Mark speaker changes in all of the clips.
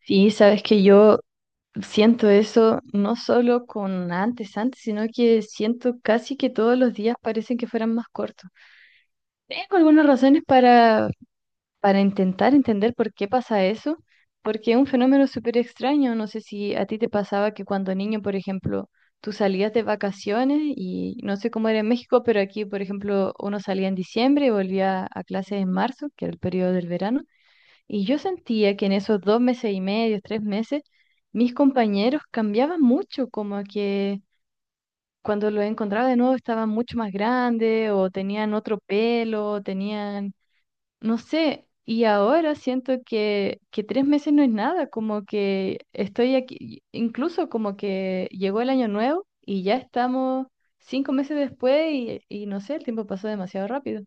Speaker 1: Sí, sabes que yo siento eso no solo con antes, antes, sino que siento casi que todos los días parecen que fueran más cortos. Tengo algunas razones para intentar entender por qué pasa eso, porque es un fenómeno súper extraño. No sé si a ti te pasaba que cuando niño, por ejemplo, tú salías de vacaciones y no sé cómo era en México, pero aquí, por ejemplo, uno salía en diciembre y volvía a clases en marzo, que era el periodo del verano. Y yo sentía que en esos 2 meses y medio, 3 meses mis compañeros cambiaban mucho, como que cuando los encontraba de nuevo estaban mucho más grandes o tenían otro pelo, o tenían, no sé, y ahora siento que 3 meses no es nada, como que estoy aquí, incluso como que llegó el año nuevo y ya estamos 5 meses después y no sé, el tiempo pasó demasiado rápido.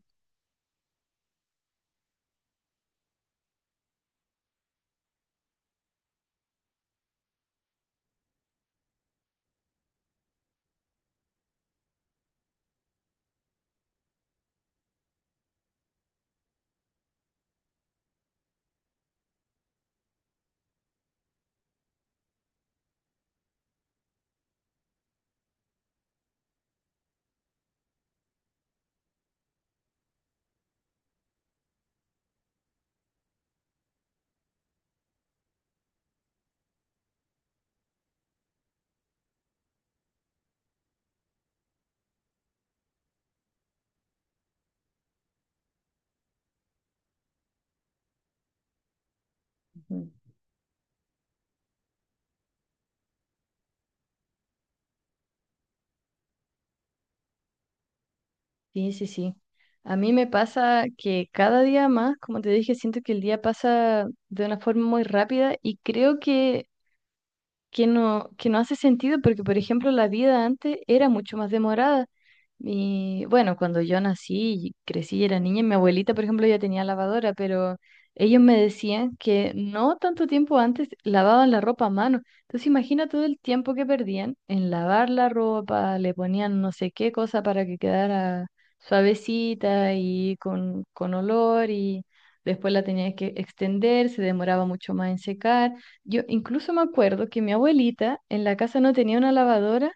Speaker 1: Sí, sí, sí. A mí me pasa que cada día más, como te dije, siento que el día pasa de una forma muy rápida y creo que no, que no hace sentido porque, por ejemplo, la vida antes era mucho más demorada. Y bueno, cuando yo nací y crecí y era niña, mi abuelita, por ejemplo, ya tenía lavadora, pero ellos me decían que no tanto tiempo antes lavaban la ropa a mano. Entonces imagina todo el tiempo que perdían en lavar la ropa, le ponían no sé qué cosa para que quedara suavecita y con olor y después la tenías que extender, se demoraba mucho más en secar. Yo incluso me acuerdo que mi abuelita en la casa no tenía una lavadora,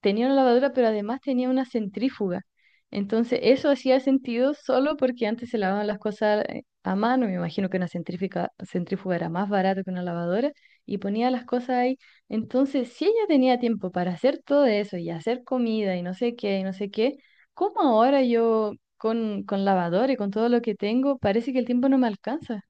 Speaker 1: tenía una lavadora, pero además tenía una centrífuga. Entonces, eso hacía sentido solo porque antes se lavaban las cosas a mano, me imagino que una centrífuga era más barata que una lavadora, y ponía las cosas ahí. Entonces, si ella tenía tiempo para hacer todo eso y hacer comida y no sé qué y no sé qué, ¿cómo ahora yo con lavadora y con todo lo que tengo, parece que el tiempo no me alcanza?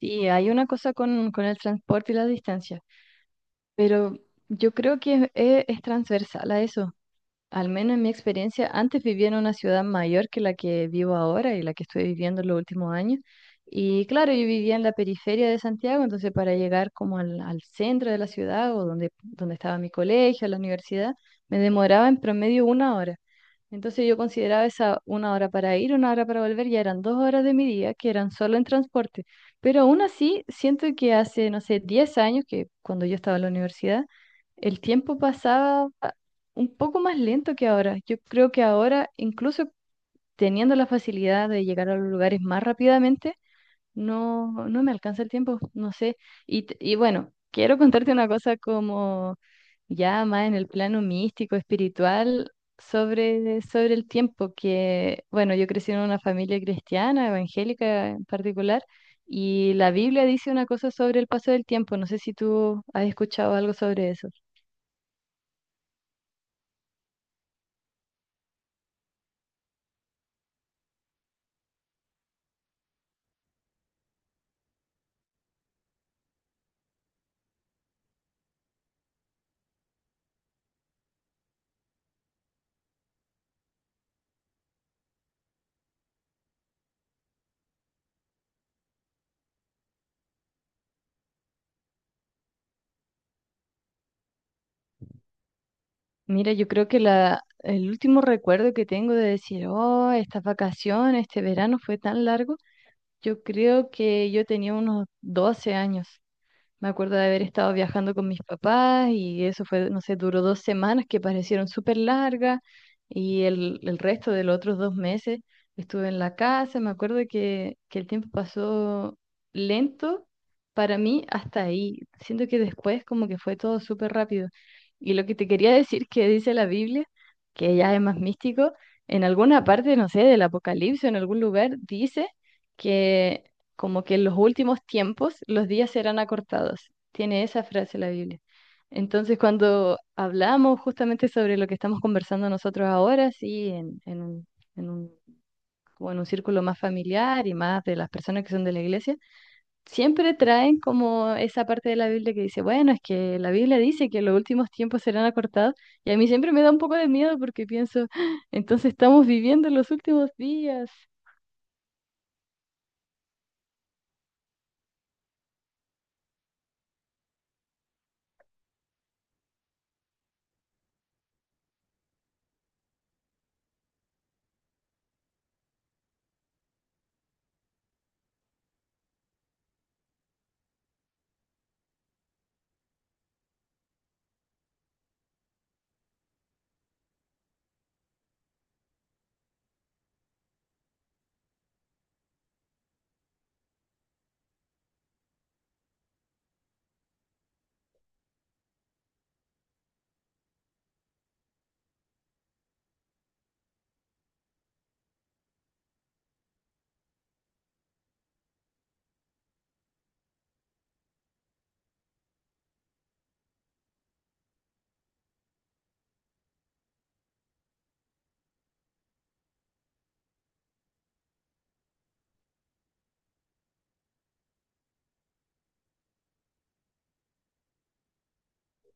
Speaker 1: Sí, hay una cosa con el transporte y la distancia. Pero yo creo que es transversal a eso. Al menos en mi experiencia, antes vivía en una ciudad mayor que la que vivo ahora y la que estoy viviendo en los últimos años. Y claro, yo vivía en la periferia de Santiago, entonces para llegar como al centro de la ciudad o donde estaba mi colegio, la universidad, me demoraba en promedio una hora. Entonces yo consideraba esa una hora para ir, una hora para volver, ya eran 2 horas de mi día que eran solo en transporte. Pero aún así, siento que hace, no sé, 10 años, que cuando yo estaba en la universidad, el tiempo pasaba un poco más lento que ahora. Yo creo que ahora, incluso teniendo la facilidad de llegar a los lugares más rápidamente, no me alcanza el tiempo, no sé. Y, y bueno, quiero contarte una cosa como ya más en el plano místico, espiritual, sobre el tiempo, que bueno, yo crecí en una familia cristiana, evangélica en particular, y la Biblia dice una cosa sobre el paso del tiempo. No sé si tú has escuchado algo sobre eso. Mira, yo creo que el último recuerdo que tengo de decir, oh, estas vacaciones, este verano fue tan largo. Yo creo que yo tenía unos 12 años. Me acuerdo de haber estado viajando con mis papás y eso fue, no sé, duró 2 semanas que parecieron súper largas y el resto de los otros 2 meses estuve en la casa. Me acuerdo que el tiempo pasó lento para mí hasta ahí. Siento que después como que fue todo súper rápido. Y lo que te quería decir que dice la Biblia, que ya es más místico, en alguna parte, no sé, del Apocalipsis, en algún lugar, dice que como que en los últimos tiempos los días serán acortados. Tiene esa frase la Biblia. Entonces, cuando hablamos justamente sobre lo que estamos conversando nosotros ahora, sí, en un, como en un círculo más familiar y más de las personas que son de la iglesia, siempre traen como esa parte de la Biblia que dice, bueno, es que la Biblia dice que los últimos tiempos serán acortados, y a mí siempre me da un poco de miedo porque pienso, "Ah, entonces estamos viviendo los últimos días."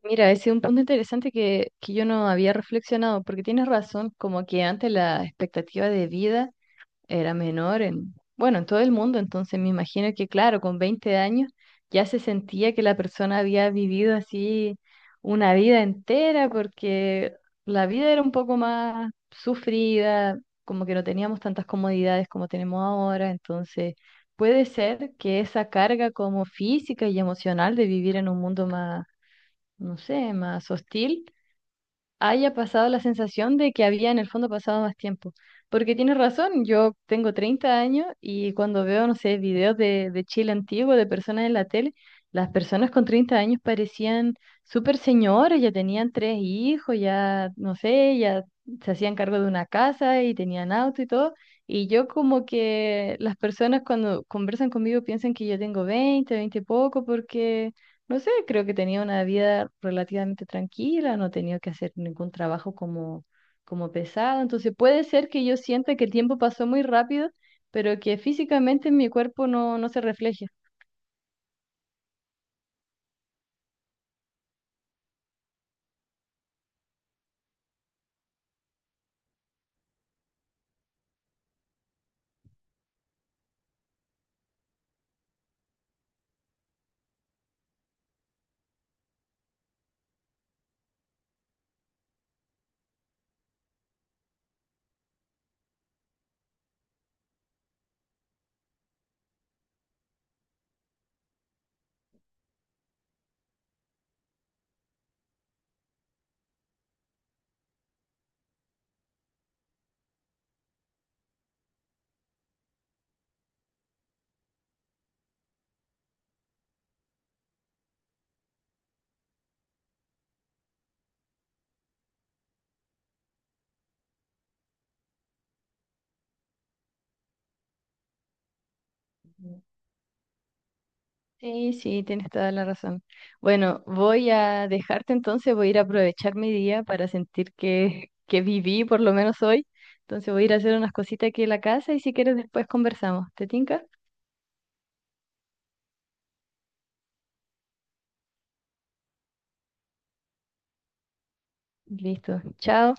Speaker 1: Mira, ese es un punto interesante que yo no había reflexionado, porque tienes razón, como que antes la expectativa de vida era menor en, bueno, en todo el mundo, entonces me imagino que, claro, con 20 años ya se sentía que la persona había vivido así una vida entera, porque la vida era un poco más sufrida, como que no teníamos tantas comodidades como tenemos ahora, entonces puede ser que esa carga como física y emocional de vivir en un mundo más no sé, más hostil, haya pasado la sensación de que había en el fondo pasado más tiempo. Porque tienes razón, yo tengo 30 años y cuando veo, no sé, videos de Chile antiguo, de personas en la tele, las personas con 30 años parecían súper señores, ya tenían tres hijos, ya, no sé, ya se hacían cargo de una casa y tenían auto y todo. Y yo como que las personas cuando conversan conmigo piensan que yo tengo 20 y poco, porque no sé, creo que tenía una vida relativamente tranquila, no tenía que hacer ningún trabajo como, pesado. Entonces puede ser que yo sienta que el tiempo pasó muy rápido, pero que físicamente en mi cuerpo no se refleje. Sí, sí, tienes toda la razón. Bueno, voy a dejarte entonces, voy a ir a aprovechar mi día para sentir que viví por lo menos hoy. Entonces voy a ir a hacer unas cositas aquí en la casa y si quieres después conversamos. ¿Te tinca? Listo. Chao.